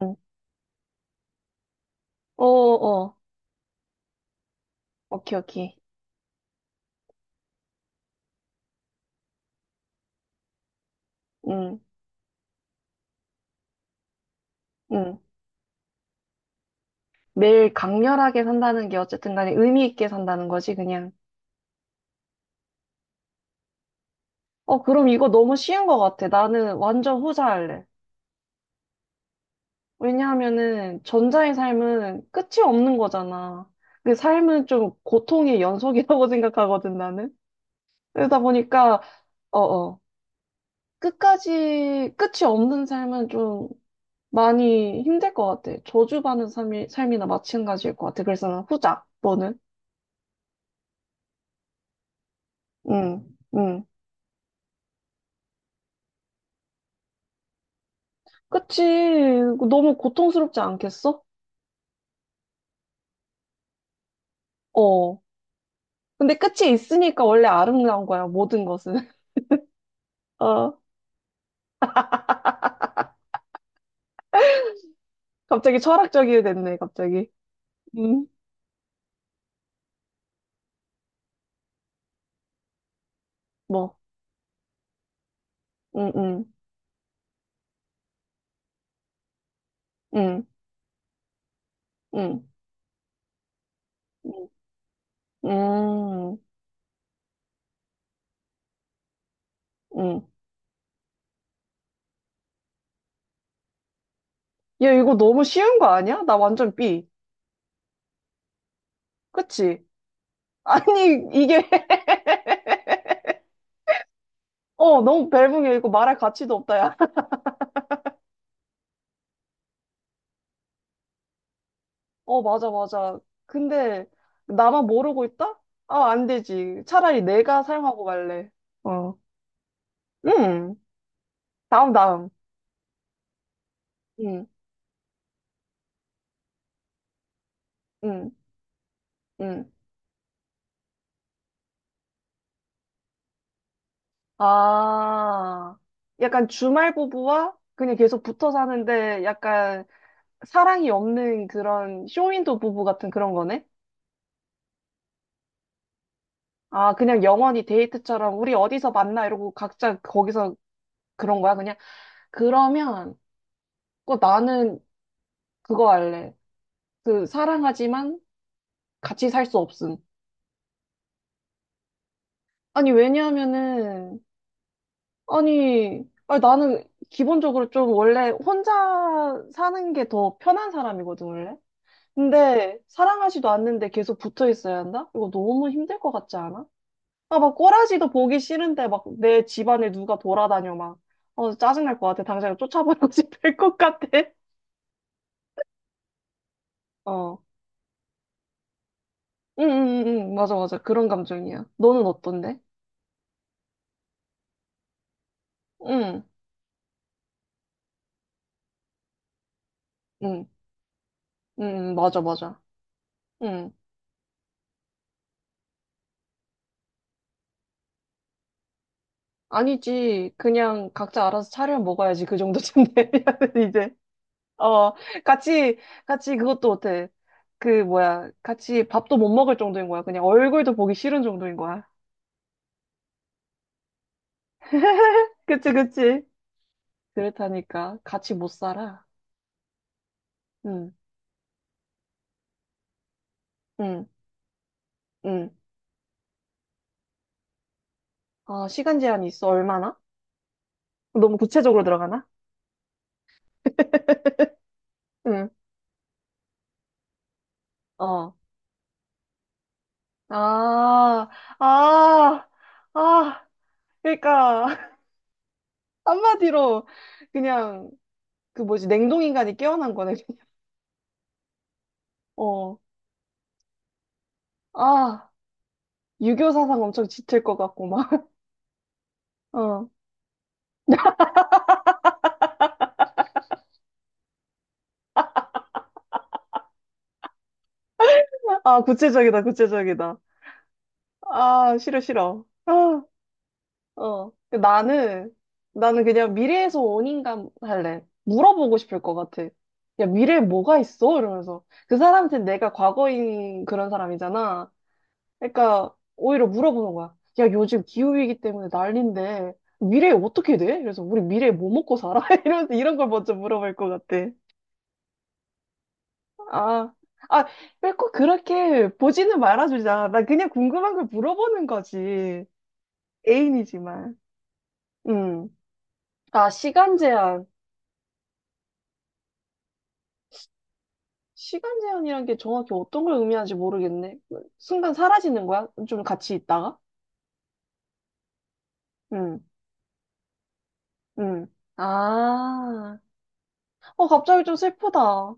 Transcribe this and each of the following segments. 응. 어, 어. 오케이, 오케이. 응, 응. 매일 강렬하게 산다는 게 어쨌든 간에 의미 있게 산다는 거지, 그냥. 어, 그럼 이거 너무 쉬운 것 같아. 나는 완전 후자할래. 왜냐하면은 전자의 삶은 끝이 없는 거잖아. 그 삶은 좀 고통의 연속이라고 생각하거든, 나는. 그러다 보니까, 어, 어. 끝까지, 끝이 없는 삶은 좀 많이 힘들 것 같아. 저주받는 삶이, 삶이나 마찬가지일 것 같아. 그래서 난 후자, 너는? 응. 응. 그치. 너무 고통스럽지 않겠어? 어. 근데 끝이 있으니까 원래 아름다운 거야, 모든 것은. 어. 갑자기 철학적이 됐네, 갑자기. 음. 뭐. 음, 음, 음, 음, 음, 음. 야, 이거 너무 쉬운 거 아니야? 나 완전 B. 그치? 아니, 이게, 어, 너무 벨붕이야. 이거 말할 가치도 없다, 야. 어, 맞아, 맞아. 근데, 나만 모르고 있다? 아, 안 되지. 차라리 내가 사용하고 말래. 어. 음. 다음, 다음. 응, 응, 응. 아, 약간 주말 부부와 그냥 계속 붙어 사는데 약간 사랑이 없는 그런 쇼윈도 부부 같은 그런 거네? 아, 그냥 영원히 데이트처럼 우리 어디서 만나 이러고 각자 거기서 그런 거야, 그냥? 그러면, 그 나는 그거 할래. 그 사랑하지만 같이 살 수 없음. 아니, 왜냐하면은 아니, 나는 기본적으로 좀 원래 혼자 사는 게 더 편한 사람이거든, 원래. 근데 사랑하지도 않는데 계속 붙어 있어야 한다? 이거 너무 힘들 것 같지 않아? 아, 막 꼬라지도 보기 싫은데 막 내 집안에 누가 돌아다녀, 막. 어, 짜증날 것 같아. 당장 쫓아버리고 싶을 것 같아. 어. 응, 응, 응, 응. 맞아, 맞아. 그런 감정이야. 너는 어떤데? 응, 응, 응, 응. 맞아, 맞아. 응. 아니지. 그냥 각자 알아서 차려 먹어야지. 그 정도쯤 되면 이제. 어, 같이, 같이 그것도 어때? 그, 뭐야. 같이 밥도 못 먹을 정도인 거야. 그냥 얼굴도 보기 싫은 정도인 거야. 그치, 그치. 그렇다니까. 같이 못 살아. 응, 응, 응. 어, 시간 제한이 있어. 얼마나? 너무 구체적으로 들어가나? 응, 어. 아, 아, 아. 그러니까. 한마디로 그냥 그 뭐지, 냉동인간이 깨어난 거네. 어. 아, 유교 사상 엄청 짙을 것 같고, 막. 어. 아, 구체적이다, 구체적이다. 아, 싫어, 싫어. 아, 어. 그 나는, 나는 그냥 미래에서 온 인간 할래. 물어보고 싶을 것 같아. 야, 미래에 뭐가 있어? 이러면서. 그 사람한테 내가 과거인 그런 사람이잖아. 그러니까, 오히려 물어보는 거야. 야, 요즘 기후위기 때문에 난린데, 미래에 어떻게 돼? 그래서 우리 미래에 뭐 먹고 살아? 이러면서 이런 걸 먼저 물어볼 것 같아. 아, 아, 왜 꼭 그렇게 보지는 말아주자. 나 그냥 궁금한 걸 물어보는 거지. 애인이지만. 음. 아, 시간 제한. 시간 제한이란 게 정확히 어떤 걸 의미하는지 모르겠네. 순간 사라지는 거야? 좀 같이 있다가? 응, 응. 아, 어, 갑자기 좀 슬프다. 아,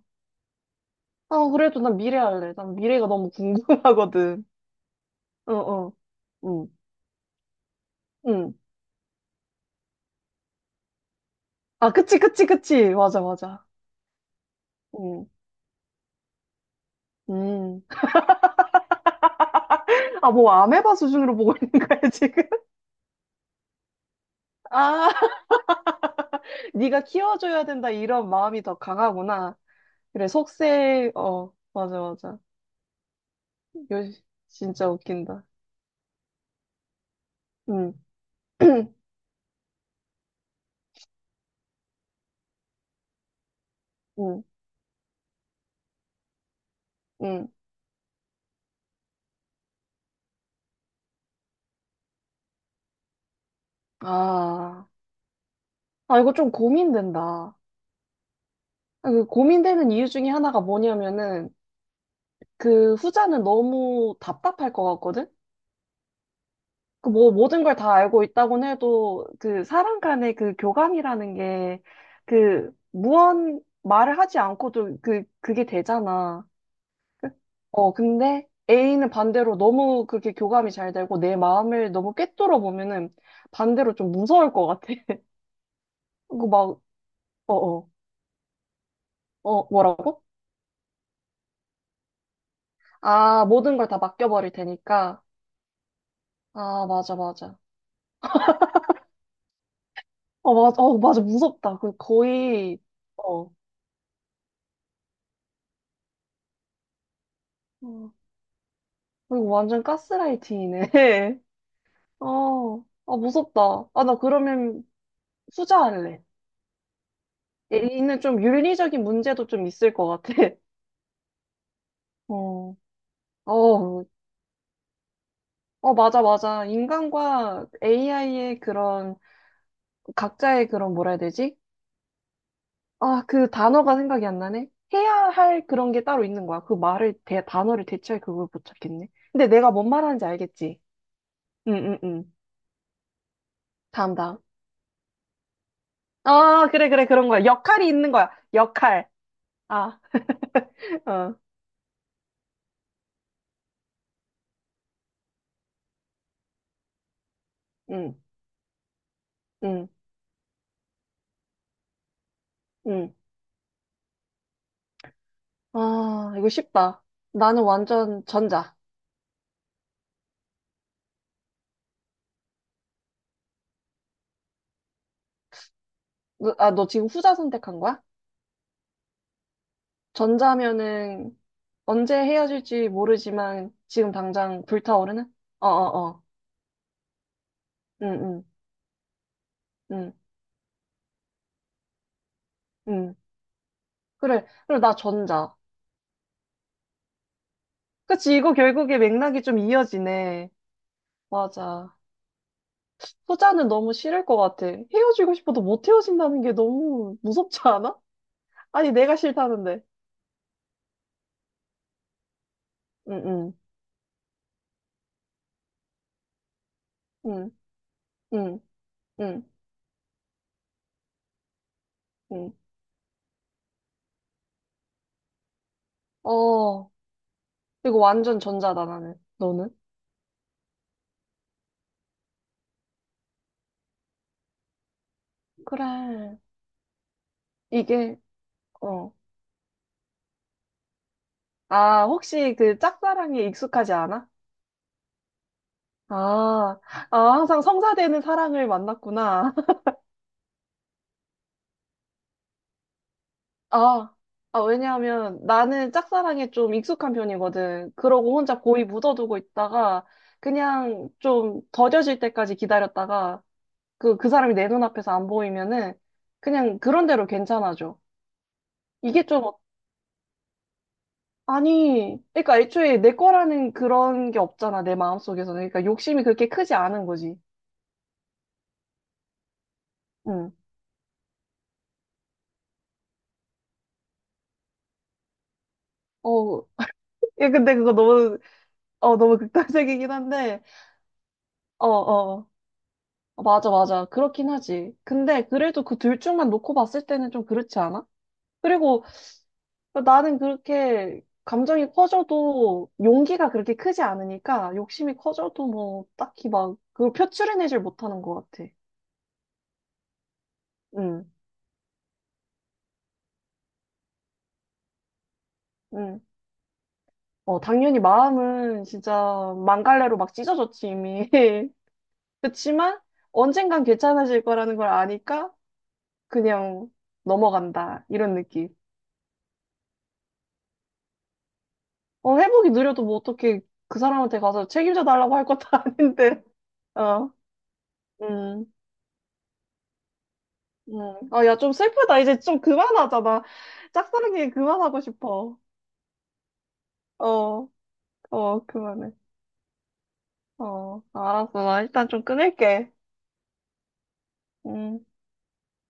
그래도 난 미래 할래. 난 미래가 너무 궁금하거든. 어, 어. 응, 응. 아, 그치, 그치, 그치. 맞아, 맞아. 응, 음. 아, 뭐 아메바 수준으로 보고 있는 거야, 지금? 아, 네가 키워줘야 된다 이런 마음이 더 강하구나. 그래, 속세, 어, 맞아, 맞아. 요, 진짜 웃긴다. 응, 응, 응. 아, 아, 이거 좀 고민된다. 아, 그 고민되는 이유 중에 하나가 뭐냐면은, 그 후자는 너무 답답할 것 같거든? 그 뭐 모든 걸 다 알고 있다곤 해도 그 사람 간의 그 교감이라는 게 그 무언 말을 하지 않고도 그 그게 되잖아. 어 근데 A는 반대로 너무 그렇게 교감이 잘 되고 내 마음을 너무 꿰뚫어 보면은 반대로 좀 무서울 것 같아. 그거 막 어어 어 어, 뭐라고? 아 모든 걸 다 맡겨버릴 테니까. 아 맞아 맞아. 어 맞아 어 맞아 무섭다. 그 거의 어 어, 그리고 완전 가스라이팅이네. 어, 아, 무섭다. 아, 나 그러면 후자할래. 얘는 좀 윤리적인 문제도 좀 있을 것 같아. 어, 어, 어, 맞아, 맞아. 인간과 AI의 그런, 각자의 그런, 뭐라 해야 되지? 아, 그 단어가 생각이 안 나네? 해야 할 그런 게 따로 있는 거야. 그 말을, 대, 단어를 대체할 그걸 못 찾겠네. 근데 내가 뭔 말하는지 알겠지? 응, 응, 응. 다음, 다음. 아, 그래, 그래, 그런 거야. 역할이 있는 거야. 역할. 아, 어, 응, 응, 응. 아, 이거 쉽다. 나는 완전 전자. 너, 아, 너 지금 후자 선택한 거야? 전자면은 언제 헤어질지 모르지만 지금 당장 불타오르는? 어어어. 응, 응, 응, 응. 그래. 그럼 나 전자. 그치, 이거 결국에 맥락이 좀 이어지네. 맞아. 후자는 너무 싫을 것 같아. 헤어지고 싶어도 못 헤어진다는 게 너무 무섭지 않아? 아니, 내가 싫다는데. 응, 응, 응, 응, 응, 응. 어. 이거 완전 전자다, 나는. 너는? 그래. 이게, 어. 아, 혹시 그 짝사랑에 익숙하지 않아? 아, 아, 항상 성사되는 사랑을 만났구나. 아, 아, 왜냐하면 나는 짝사랑에 좀 익숙한 편이거든. 그러고 혼자 고이 묻어두고 있다가 그냥 좀 더뎌질 때까지 기다렸다가 그 사람이 내 눈앞에서 안 보이면은 그냥 그런 대로 괜찮아져. 이게 좀 아니, 그러니까 애초에 내 거라는 그런 게 없잖아, 내 마음속에서는. 그러니까 욕심이 그렇게 크지 않은 거지. 응. 어, 예, 근데 그거 너무, 어, 너무 극단적이긴 한데, 어, 어, 맞아, 맞아. 그렇긴 하지. 근데 그래도 그 둘 중만 놓고 봤을 때는 좀 그렇지 않아? 그리고 나는 그렇게 감정이 커져도 용기가 그렇게 크지 않으니까 욕심이 커져도 뭐 딱히 막 그걸 표출해내질 못하는 것 같아. 응, 응. 어, 당연히 마음은 진짜 망갈래로 막 찢어졌지, 이미. 그치만 언젠간 괜찮아질 거라는 걸 아니까 그냥 넘어간다. 이런 느낌. 어, 회복이 느려도 뭐 어떻게 그 사람한테 가서 책임져 달라고 할 것도 아닌데. 어, 음, 아, 야, 좀 슬프다. 이제 좀 그만하자. 나 짝사랑 얘기 그만하고 싶어. 어, 어, 그만해. 어, 알았어. 나 일단 좀 끊을게. 음.